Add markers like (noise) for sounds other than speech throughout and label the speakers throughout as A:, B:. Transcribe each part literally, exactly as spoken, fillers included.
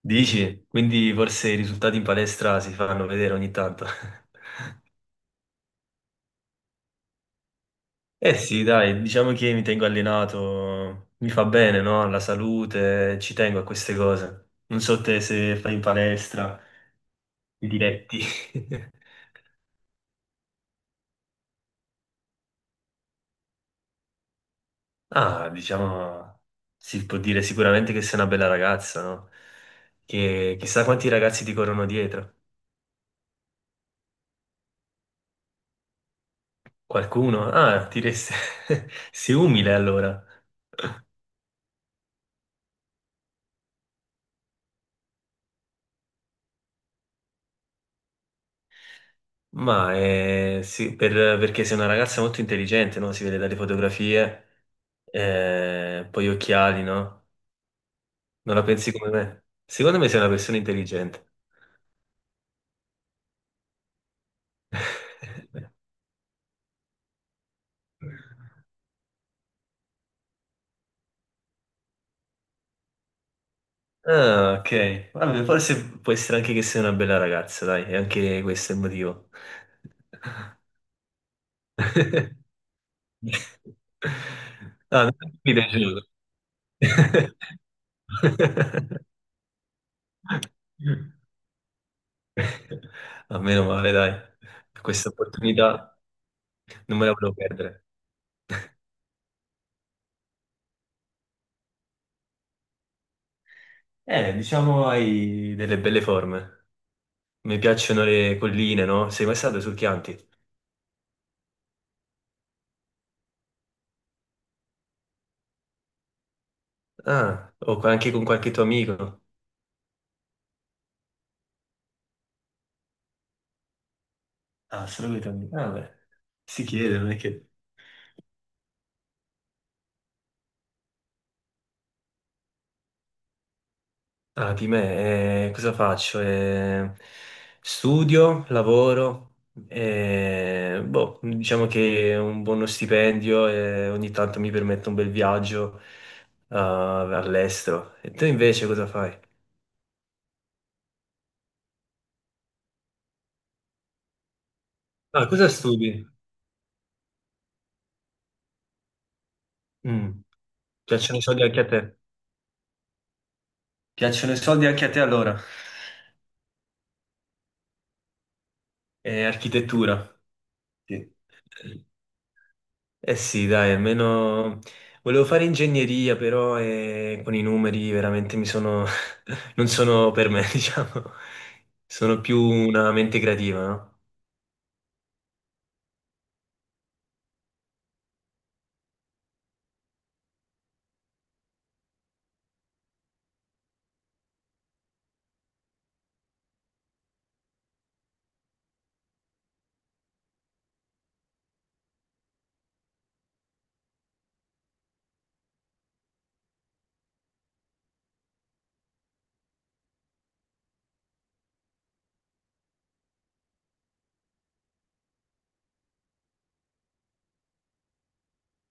A: Dici? Quindi forse i risultati in palestra si fanno vedere ogni tanto. (laughs) Eh sì, dai, diciamo che mi tengo allenato, mi fa bene, no? Alla salute, ci tengo a queste cose. Non so te se fai in palestra, i diretti. (laughs) Ah, diciamo, si può dire sicuramente che sei una bella ragazza, no? Che chissà quanti ragazzi ti corrono dietro. Qualcuno? Ah, ti resta... (laughs) Sei umile allora. Ma eh, sì, per- perché sei una ragazza molto intelligente, no? Si vede dalle fotografie, eh, poi gli occhiali, no? Non la pensi come me? Secondo me sei una persona intelligente. (laughs) Ah, ok. Vabbè, forse può essere anche che sei una bella ragazza, dai, e anche questo è il motivo. (laughs) Mi piace. (laughs) A meno male, dai, questa opportunità non me la volevo perdere. Eh, diciamo hai delle belle forme. Mi piacciono le colline, no? Sei mai stato sul Chianti? Ah, o qua- anche con qualche tuo amico? Ah, solo con i tuoi amici. Ah, beh, si chiede, non è che... Ah, di me, eh, cosa faccio? Eh, studio, lavoro, eh, boh, diciamo che un buono stipendio e ogni tanto mi permette un bel viaggio, ah, all'estero. E tu invece cosa fai? Ah, cosa studi? Mm, piacciono i soldi anche a te? Piacciono i soldi anche a te allora? Eh, architettura. Sì. Eh sì, dai, almeno volevo fare ingegneria, però eh, con i numeri veramente mi sono... (laughs) non sono per me, (laughs) diciamo. Sono più una mente creativa, no?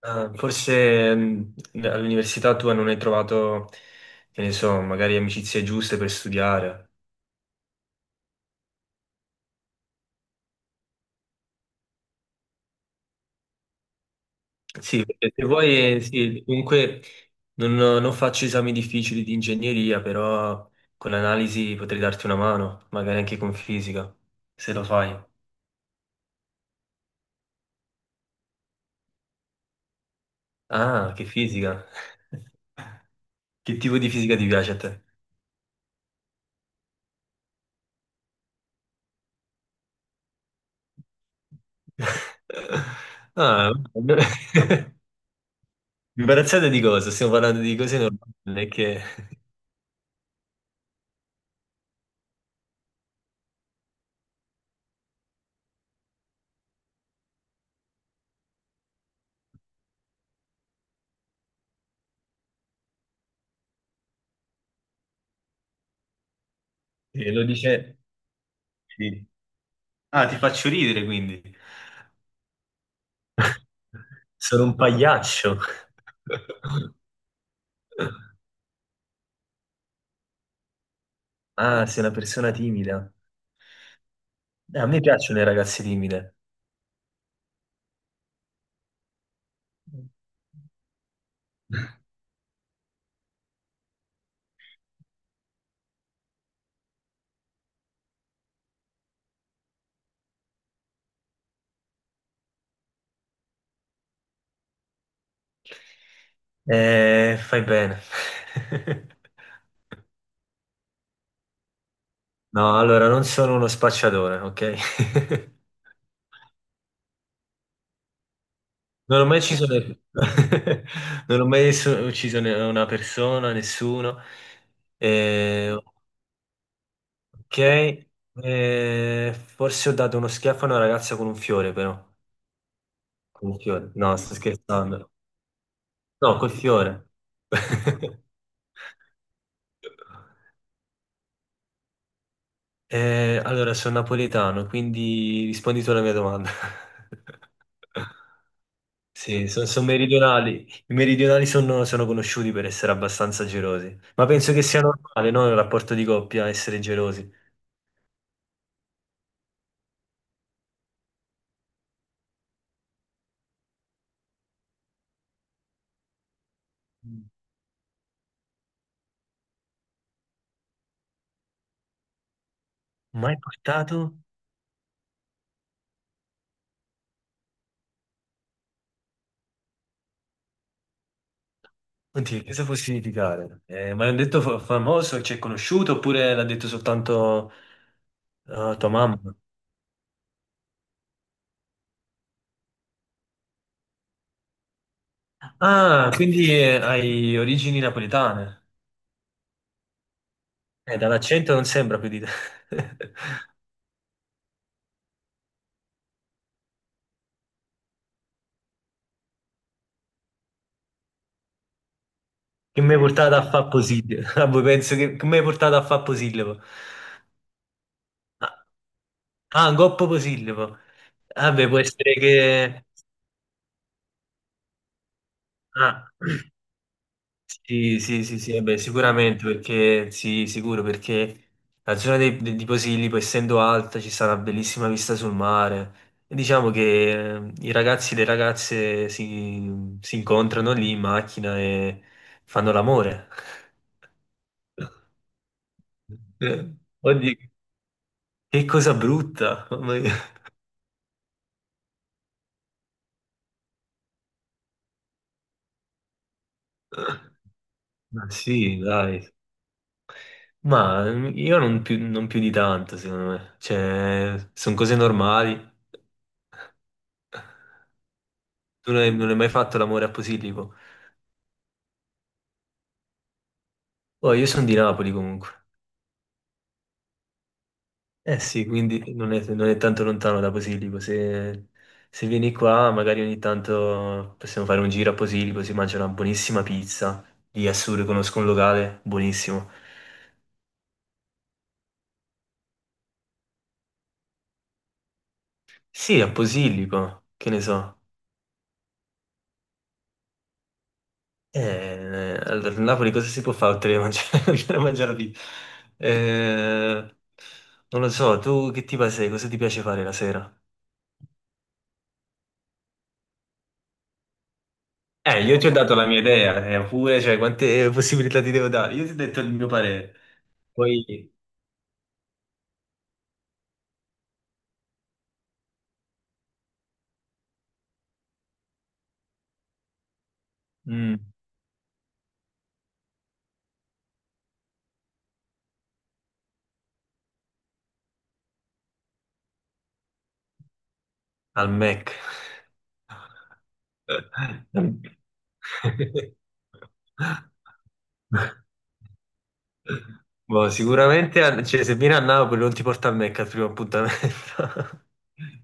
A: Ah, forse mh, all'università tua non hai trovato, che ne so, magari amicizie giuste per studiare. Sì, perché se vuoi, sì, comunque non, non faccio esami difficili di ingegneria, però con l'analisi potrei darti una mano, magari anche con fisica, se lo fai. Ah, che fisica! (laughs) Che tipo di fisica ti piace a te? (laughs) Ah, (laughs) imbarazzate di cosa? Stiamo parlando di cose normali, non è che (laughs) che lo dice... Sì. Ah, ti faccio ridere quindi. Sono un pagliaccio. (laughs) Ah, sei una persona timida. Eh, a me piacciono le ragazze timide. (laughs) Eh, fai bene. (laughs) No, allora non sono uno spacciatore, ok? (laughs) Non ho mai ucciso, ne- (laughs) non ho mai su- ucciso ne- una persona, nessuno. Eh, ok, Eh, forse ho dato uno schiaffo a una ragazza con un fiore, però. Con un fiore. No, sto scherzando. No, col fiore. (laughs) Eh, allora, sono napoletano, quindi rispondi tu alla mia domanda. (laughs) Sì, sono meridionali. I meridionali sono, sono conosciuti per essere abbastanza gelosi, ma penso che sia normale, no, nel rapporto di coppia essere gelosi. Mm. Mai portato? Oddio, cosa può significare? Eh, ma l'hanno detto fa- famoso, c'è conosciuto, oppure l'ha detto soltanto eh, tua mamma? Ah, quindi eh, hai origini napoletane. Eh, dall'accento non sembra più di te. (laughs) Che mi hai portato a fare Posillipo? (laughs) Ah, voi penso che, che mi hai portato a fare Posillipo? Ah, ah, un coppo Posillipo. Vabbè, può essere che... Ah, (clears throat) sì, sì, sì, sì, vabbè, sicuramente, perché... Sì, sicuro, perché la zona dei- de- di Posillipo, essendo alta, ci sta una bellissima vista sul mare. E diciamo che eh, i ragazzi e le ragazze si, si incontrano lì in macchina e fanno l'amore. (laughs) Eh, Oddio, che cosa brutta! (laughs) Ma sì, dai. Ma mm, io non più, non più di tanto, secondo me. Cioè, sono cose normali. Tu non hai, non hai mai fatto l'amore a Posillipo? Oh, io sono di Napoli comunque. Eh sì, quindi non è, non è tanto lontano da Posillipo. Se, se vieni qua, magari ogni tanto possiamo fare un giro a Posillipo, si mangia una buonissima pizza. Lì a Sur conosco un locale buonissimo. Sì, a Posillipo, che ne so. Eh, allora, a Napoli cosa si può fare oltre a mangiare, (laughs) oltre a mangiare la pizza? Eh, non lo so, tu che tipo sei? Cosa ti piace fare la sera? Eh, io ti ho dato la mia idea, eh, pure, cioè, quante possibilità ti devo dare? Io ti ho detto il mio parere. Poi, mm, al Mac. (laughs) Boh, sicuramente a- cioè, se vieni a Napoli non ti porta al Mac al primo appuntamento. (laughs)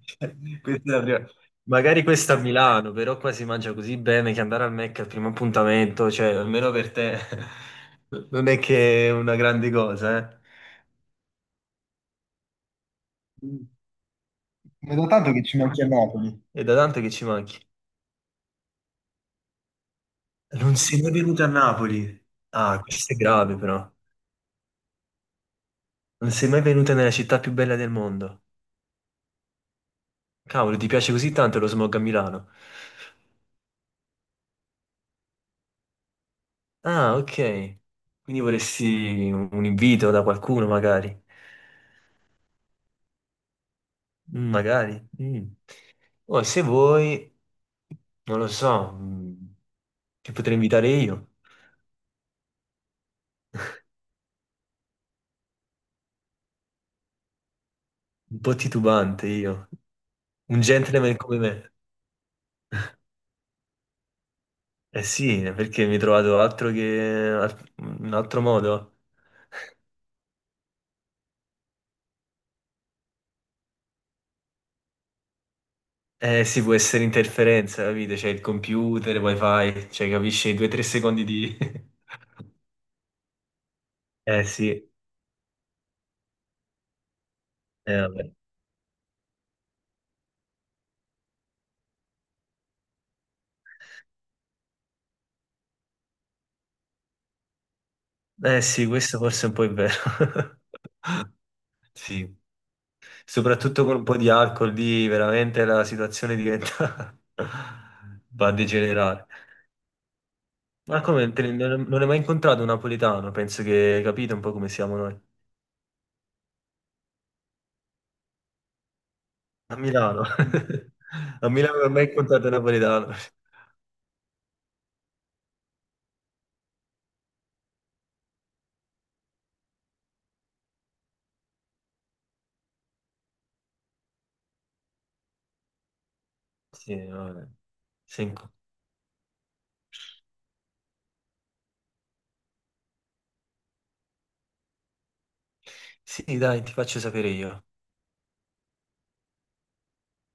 A: Cioè, questa è la prima- magari questa a Milano, però qua si mangia così bene che andare al Mac al primo appuntamento, cioè almeno per te (laughs) non è che è una grande cosa, eh. Mm. Ma è da tanto che ci manchi a Napoli. È da tanto che ci manchi. Non sei mai venuto a Napoli? Ah, questo è grave però. Non sei mai venuto nella città più bella del mondo. Cavolo, ti piace così tanto lo smog a Milano? Ah, ok. Quindi vorresti un un invito da qualcuno, magari. Mm, magari. Mm. O se vuoi, non lo so, mm, ti potrei invitare io. Un po' titubante io. Un gentleman come me. Eh sì, perché mi hai trovato altro che... al- un altro modo? Eh sì, può essere interferenza, capite? C'è il computer, wifi, cioè capisci? Due o tre secondi di... (laughs) Eh sì, eh, vabbè. Eh sì, questo forse è un po' è vero. (laughs) Sì, soprattutto con un po' di alcol lì veramente la situazione diventa... (laughs) va a degenerare. Ma come, te ne- non non hai mai incontrato un napoletano? Penso che hai capito un po' come siamo noi. A Milano. (laughs) A Milano non ho mai incontrato un napoletano. Sì, vabbè. Sì, sì, dai, ti faccio sapere io.